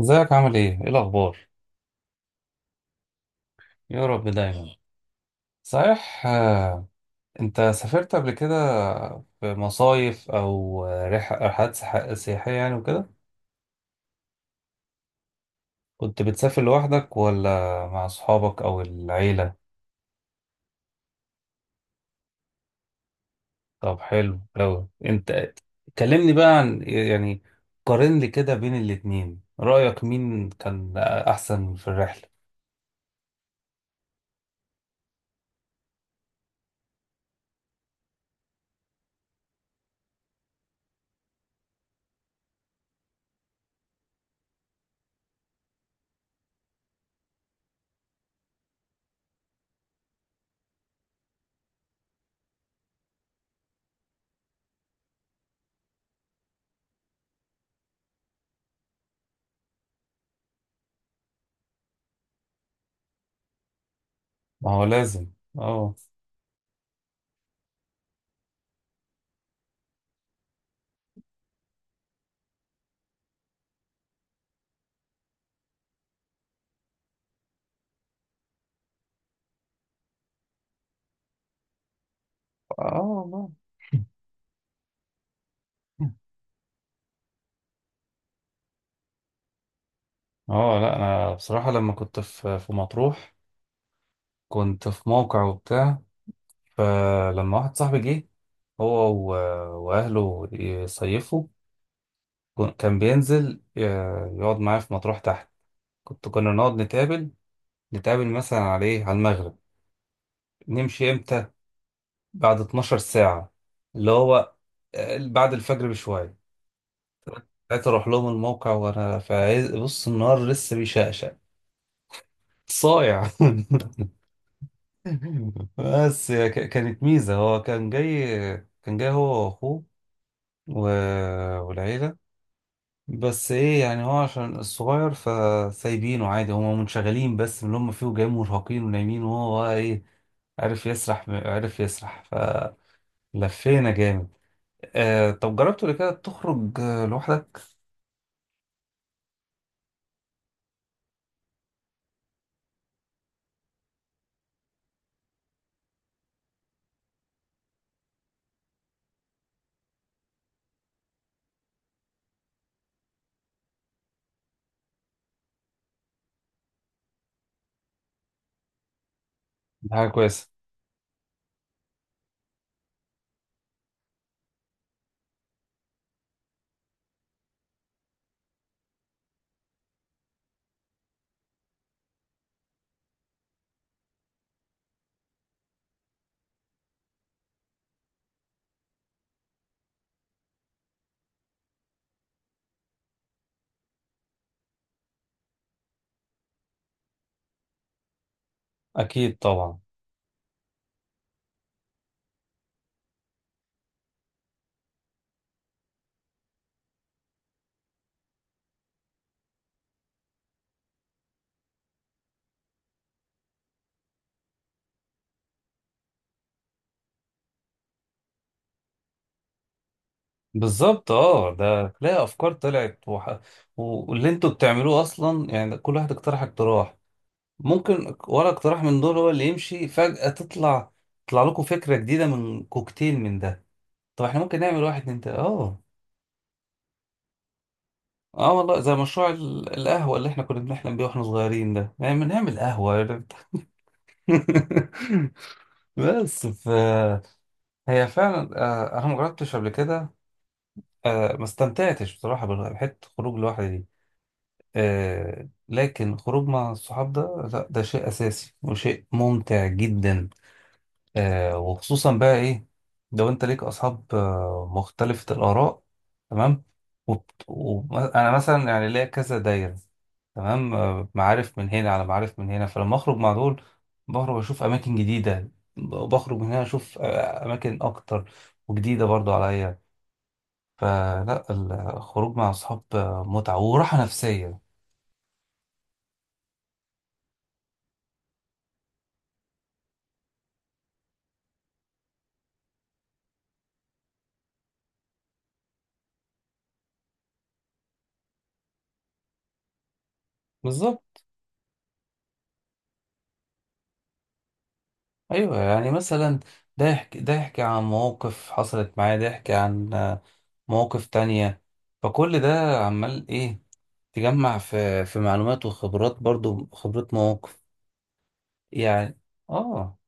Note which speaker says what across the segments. Speaker 1: ازيك؟ عامل ايه؟ ايه الأخبار؟ يا رب دايما. صحيح آه، انت سافرت قبل كده في مصايف أو رحلات سياحية يعني وكده؟ كنت بتسافر لوحدك ولا مع أصحابك أو العيلة؟ طب حلو أوي. انت كلمني بقى عن يعني قارن لي كده بين الاتنين، رأيك مين كان أحسن في الرحلة؟ ما هو لازم. اه. اه والله. اه لا، انا بصراحه لما كنت في مطروح كنت في موقع وبتاع. فلما واحد صاحبي جه هو وأهله يصيفوا، كان بينزل يقعد معايا في مطروح تحت. كنا نقعد نتقابل، نتقابل مثلا على ايه، على المغرب. نمشي امتى؟ بعد 12 ساعة، اللي هو بعد الفجر بشوية. ساعتها أروح لهم الموقع وأنا في بص النهار لسه بيشقشق، صايع. بس هي كانت ميزة، هو كان جاي، كان جاي هو وأخوه و... والعيلة. بس ايه يعني، هو عشان الصغير فسايبينه عادي، هما منشغلين بس من اللي هما فيه، جاي مرهقين ونايمين، وهو بقى ايه، عرف يسرح، عرف يسرح. فلفينا جامد. آه طب جربت قبل كده تخرج لوحدك؟ دي حاجة كويسة. أكيد طبعا. بالظبط. اه ده تلاقي أفكار طلعت واللي انتوا بتعملوه أصلا، يعني ده كل واحد اقترح اقتراح، ممكن ولا اقتراح من دول هو اللي يمشي، فجأة تطلع لكم فكرة جديدة من كوكتيل من ده. طب احنا ممكن نعمل واحد، اتنين، تلاتة. اه اه والله زي مشروع القهوة اللي احنا كنا بنحلم بيه واحنا صغيرين ده، يعني بنعمل قهوة. بس ف هي فعلا آه، انا ما جربتش قبل كده، آه، ما استمتعتش بصراحة بحتة خروج لوحدي دي. آه، لكن خروج مع الصحاب ده لا، ده شيء أساسي وشيء ممتع جدا. آه وخصوصا بقى ايه، لو انت ليك اصحاب آه مختلفة الآراء. تمام. وانا مثلا يعني ليا كذا دايرة، تمام، آه معارف من هنا على معارف من هنا، فلما اخرج مع دول بخرج اشوف اماكن جديدة، بخرج من هنا اشوف آه اماكن اكتر وجديدة برضو عليا. فلا، الخروج مع اصحاب آه، متعة وراحة نفسية. ايوه يعني مثلا ده يحكي، ده يحكي عن مواقف حصلت معاه، ده يحكي عن آه، مواقف تانية، فكل ده عمال ايه، تجمع في معلومات وخبرات، برضو خبرات مواقف يعني. اه.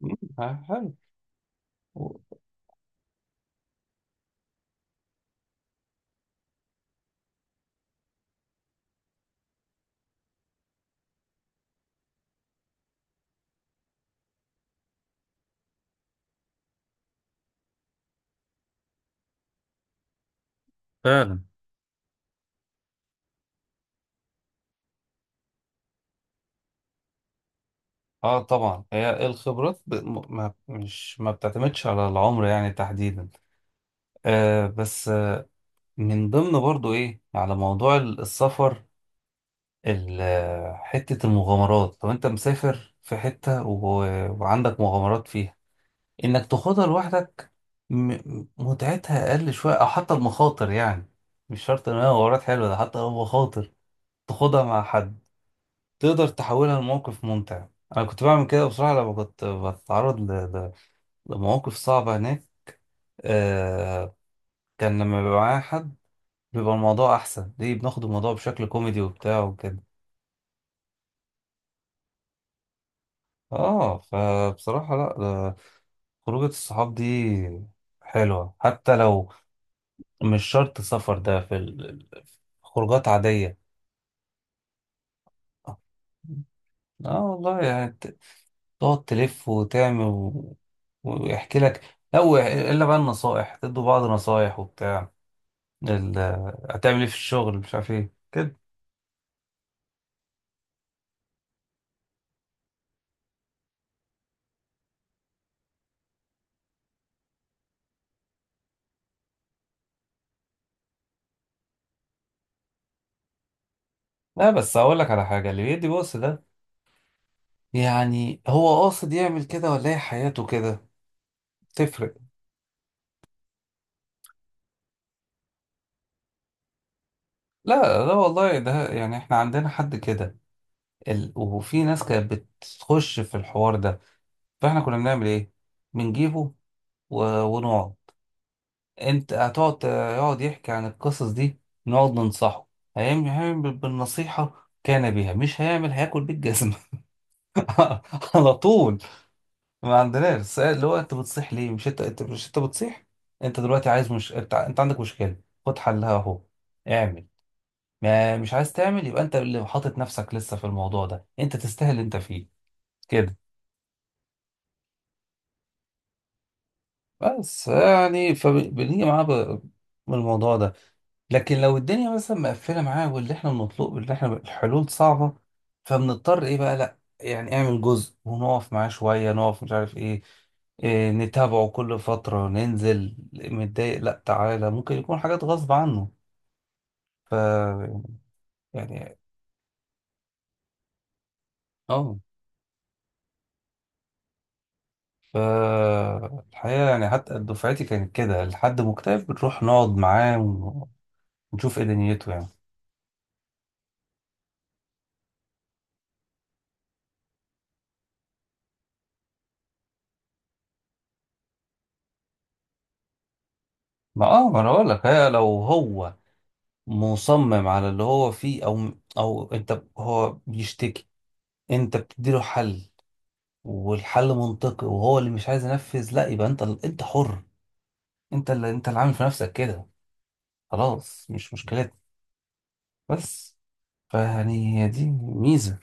Speaker 1: مم، حلو. فعلا. اه طبعا هي الخبرات ب... ما مش ما بتعتمدش على العمر يعني تحديدا. آه بس آه من ضمن برضو ايه على موضوع السفر، حتة المغامرات، لو انت مسافر في حتة وعندك مغامرات فيها، انك تاخدها لوحدك متعتها اقل شوية، او حتى المخاطر يعني. مش شرط ان هي مغامرات حلوة، ده حتى لو مخاطر تاخدها مع حد تقدر تحولها لموقف ممتع. انا كنت بعمل كده بصراحة لما كنت بتعرض ل- لمواقف صعبة هناك. آه كان لما بيبقى معايا حد بيبقى الموضوع احسن ليه، بناخد الموضوع بشكل كوميدي وبتاع وكده. اه فبصراحة لا، خروجة الصحاب دي حلوة حتى لو مش شرط سفر، ده في خروجات عادية. اه آه والله يعني تقعد تلف وتعمل ويحكي لك لا الا بقى النصائح، تدوا بعض نصائح وبتاع ال... هتعمل ايه في الشغل، مش عارف ايه كده. لا بس هقول لك على حاجة، اللي بيدي بص ده يعني هو قاصد يعمل كده ولا هي حياته كده؟ تفرق. لا لا والله ده يعني احنا عندنا حد كده، وفي ناس كانت بتخش في الحوار ده، فاحنا كنا بنعمل ايه، بنجيبه ونقعد. انت هتقعد يقعد يحكي عن القصص دي، نقعد ننصحه. هيعمل بالنصيحة؟ كان بيها مش هيعمل، هياكل بالجزمة. على طول. ما عندناش السؤال اللي هو انت بتصيح ليه؟ مش انت، مش انت بتصيح، انت دلوقتي عايز، مش انت، انت عندك مشكلة، خد حلها اهو، اعمل. ما مش عايز تعمل، يبقى انت اللي حاطط نفسك لسه في الموضوع ده، انت تستاهل اللي انت فيه كده. بس يعني فبنيجي معاه من الموضوع ده، لكن لو الدنيا مثلا مقفله معاه، واللي احنا بنطلبه واللي احنا الحلول صعبه، فبنضطر ايه بقى، لا يعني اعمل جزء ونقف معاه شويه، نقف مش عارف ايه، إيه نتابعه كل فتره، ننزل متضايق، لا تعالى ممكن يكون حاجات غصب عنه. ف يعني اه ف الحقيقه يعني حتى دفعتي كانت كده، لحد مكتئب بنروح نقعد معاه ونشوف ايه دنيته يعني. ما اه ما انا بقول لك هي لو هو مصمم على اللي هو فيه، او او انت، هو بيشتكي، انت بتديله حل والحل منطقي وهو اللي مش عايز ينفذ، لا يبقى انت، انت حر، انت اللي انت اللي عامل في نفسك كده، خلاص مش مشكلتك. بس فيعني هي دي ميزة.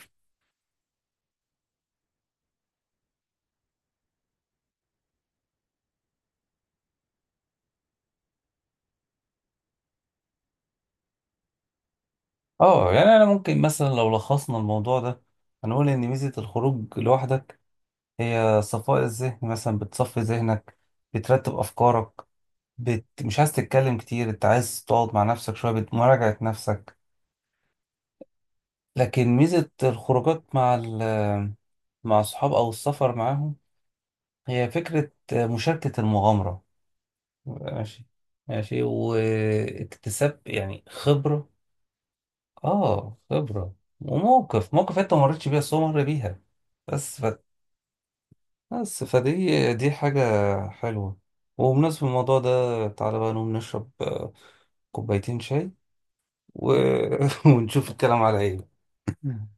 Speaker 1: اه يعني انا ممكن مثلا لو لخصنا الموضوع ده، هنقول ان ميزة الخروج لوحدك هي صفاء الذهن، مثلا بتصفي ذهنك، بترتب افكارك، بت... مش عايز تتكلم كتير، انت عايز تقعد مع نفسك شوية بمراجعة نفسك. لكن ميزة الخروجات مع مع الصحاب أو السفر معاهم هي فكرة مشاركة المغامرة. ماشي. ماشي واكتساب يعني خبرة. اه خبرة، وموقف، موقف انت ما مريتش بيها بس هو مر بيها. بس ف... بس فدي دي حاجة حلوة. وبمناسبة الموضوع ده تعالى بقى نقوم نشرب آه، كوبايتين شاي و... ونشوف الكلام على ايه.